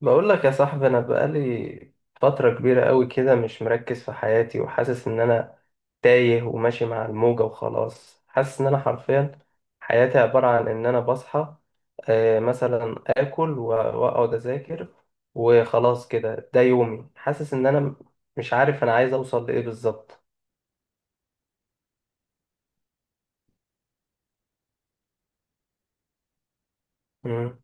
بقول لك يا صاحبي، انا بقالي فترة كبيرة قوي كده مش مركز في حياتي، وحاسس ان انا تايه وماشي مع الموجة وخلاص. حاسس ان انا حرفيا حياتي عبارة عن ان انا بصحى، مثلا اكل واقعد اذاكر وخلاص كده. ده يومي. حاسس ان مش عارف انا عايز اوصل لايه بالظبط. مم،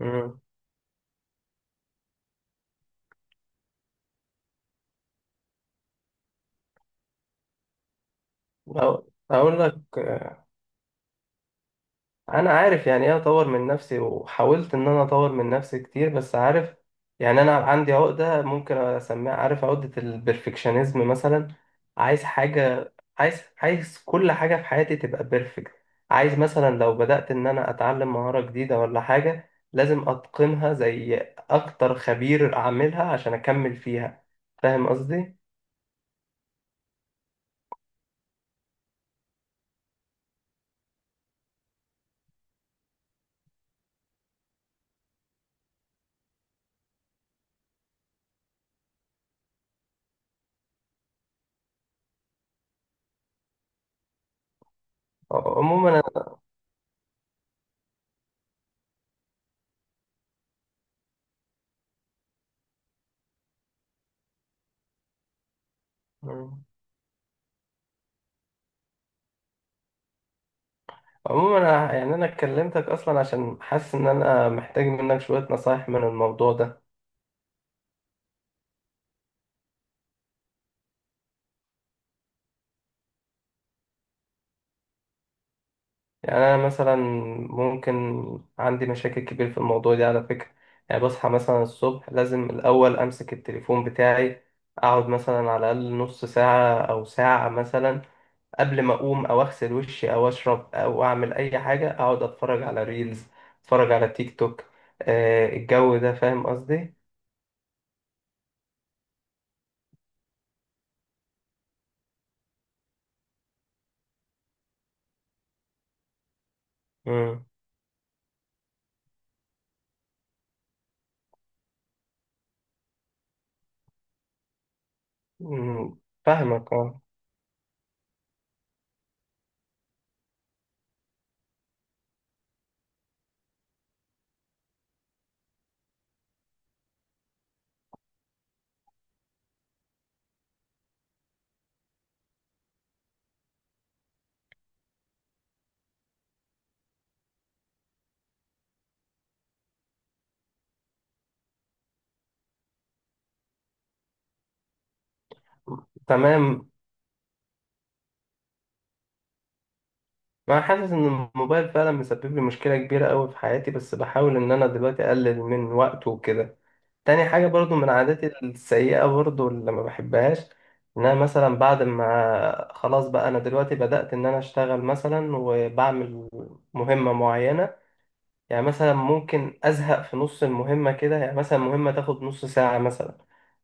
مم. أو- اقول لك. انا عارف يعني ايه اطور من نفسي، وحاولت ان انا اطور من نفسي كتير، بس عارف يعني انا عندي عقدة ممكن اسميها، عارف، عقدة البرفكشنزم مثلا. عايز حاجة، عايز كل حاجة في حياتي تبقى بيرفكت. عايز مثلا لو بدأت ان انا اتعلم مهارة جديدة ولا حاجة، لازم اتقنها زي اكتر خبير اعملها عشان اكمل فيها. فاهم قصدي؟ عموما أنا- عموما أنا، يعني أنا كلمتك أصلا عشان حاسس إن أنا محتاج منك شوية نصايح من الموضوع ده. يعني أنا مثلا، ممكن، عندي مشاكل كبير في الموضوع ده على فكرة. يعني بصحى مثلا الصبح، لازم الأول أمسك التليفون بتاعي، أقعد مثلا على الأقل نص ساعة أو ساعة مثلا قبل ما أقوم أو أغسل وشي أو أشرب أو أعمل أي حاجة. أقعد أتفرج على ريلز، أتفرج على تيك توك، الجو ده. فاهم قصدي؟ مم. مم. فاهمك، اه. تمام. ما حاسس ان الموبايل فعلا مسبب لي مشكله كبيره قوي في حياتي، بس بحاول ان انا دلوقتي اقلل من وقته وكده. تاني حاجه برضو من عاداتي السيئه برضو اللي ما بحبهاش، ان انا مثلا بعد ما خلاص بقى انا دلوقتي بدأت ان انا اشتغل مثلا، وبعمل مهمه معينه، يعني مثلا ممكن أزهق في نص المهمة كده. يعني مثلا مهمة تاخد نص ساعة مثلا،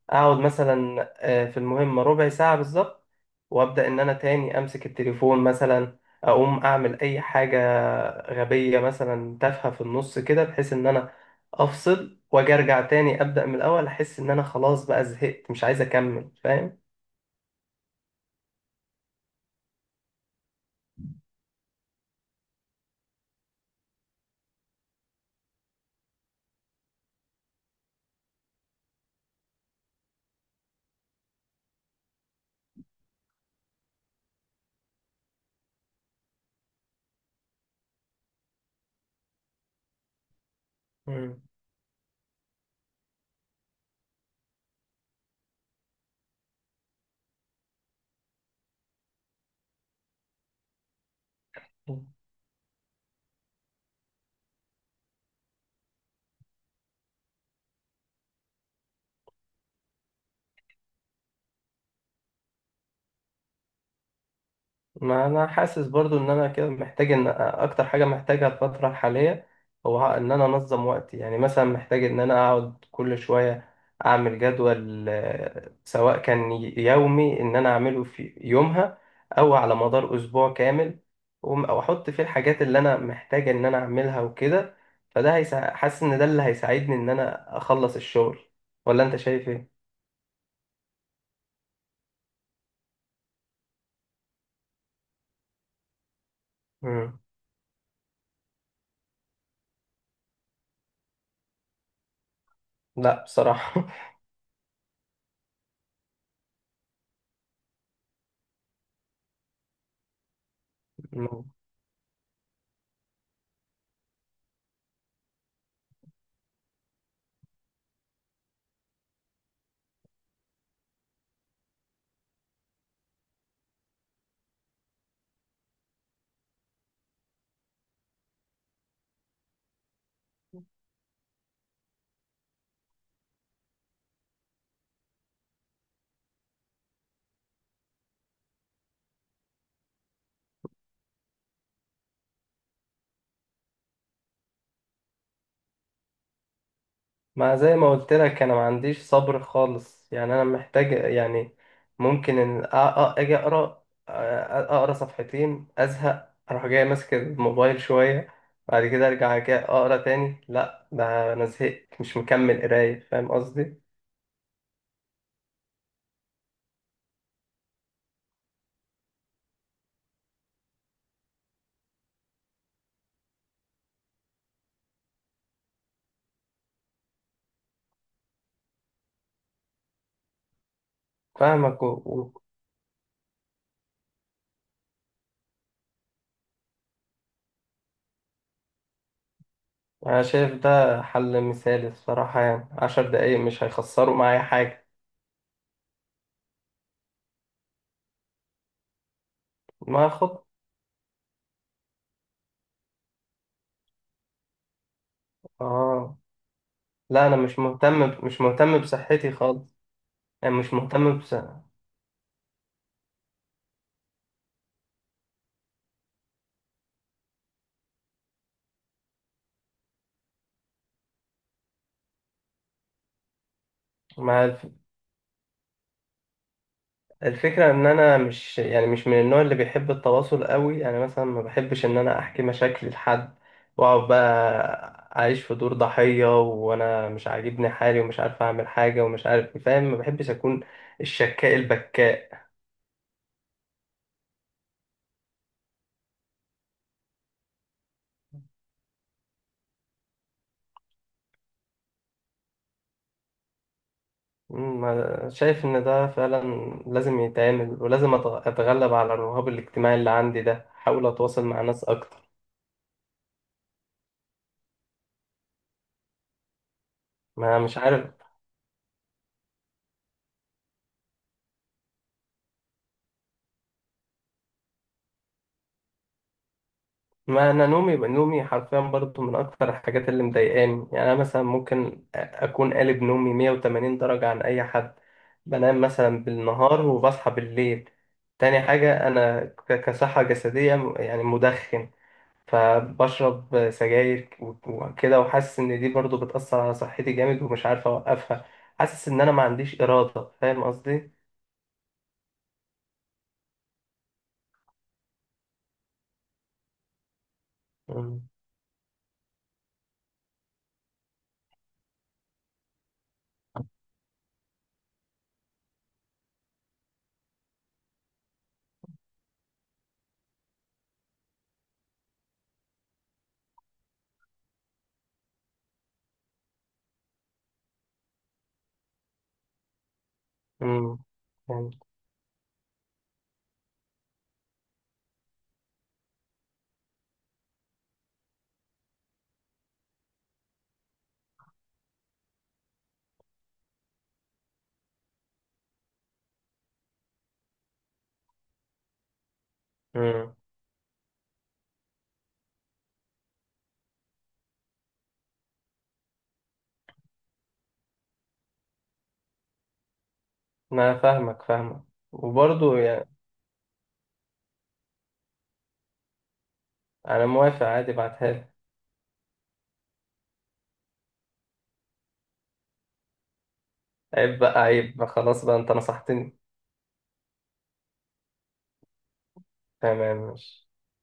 أقعد مثلا في المهمة ربع ساعة بالظبط، وأبدأ إن أنا تاني أمسك التليفون مثلا، أقوم أعمل أي حاجة غبية مثلا تافهة في النص كده، بحيث إن أنا أفصل وأجي أرجع تاني أبدأ من الأول، أحس إن أنا خلاص بقى زهقت، مش عايز أكمل. فاهم؟ مم. ما انا حاسس برضو ان انا كده محتاج، ان اكتر حاجه محتاجها الفتره الحاليه هو ان انا انظم وقتي. يعني مثلا محتاج ان انا اقعد كل شويه اعمل جدول، سواء كان يومي ان انا اعمله في يومها، او على مدار اسبوع كامل، واحط فيه الحاجات اللي انا محتاج ان انا اعملها وكده. فده حاسس ان ده اللي هيساعدني ان انا اخلص الشغل. ولا انت شايف ايه؟ مم. لا بصراحه. ما زي ما قلت لك، انا ما عنديش صبر خالص، يعني انا محتاج، يعني ممكن ان اجي اقرا، اقرا صفحتين ازهق اروح جاي ماسك الموبايل شويه، بعد كده ارجع كده اقرا تاني. لا، ده انا زهقت، مش مكمل قرايه. فاهم قصدي؟ فاهمك. انا شايف ده حل مثالي الصراحه. يعني عشر دقايق مش هيخسروا معايا حاجه. ما خد. اه. لا، انا مش مهتم مش مهتم بصحتي خالص. يعني مش مهتم. بس الفكرة ان انا مش، يعني مش من النوع اللي بيحب التواصل قوي، يعني مثلا ما بحبش ان انا احكي مشاكلي لحد واقعد بقى اعيش في دور ضحية، وانا مش عاجبني حالي ومش عارف اعمل حاجة ومش عارف إيه، فاهم؟ ما بحبش اكون الشكاء البكاء. شايف ان ده فعلا لازم يتعمل، ولازم اتغلب على الرهاب الاجتماعي اللي عندي ده، احاول اتواصل مع ناس اكتر. ما مش عارف. ما انا نومي، نومي حرفيا برضو من اكتر الحاجات اللي مضايقاني. يعني انا مثلا ممكن اكون قالب نومي 180 درجة عن اي حد، بنام مثلا بالنهار وبصحى بالليل. تاني حاجة، انا كصحة جسدية، يعني مدخن، فبشرب سجاير وكده، وحاسس ان دي برضو بتأثر على صحتي جامد ومش عارف اوقفها. حاسس ان انا ما عنديش إرادة. فاهم قصدي؟ مم. امم يعني. امم انا فاهمك فاهمك، وبرضه انا موافق، عادي، ابعتها لي. عيب بقى، عيب بقى، خلاص بقى انت نصحتني. تمام، ماشي.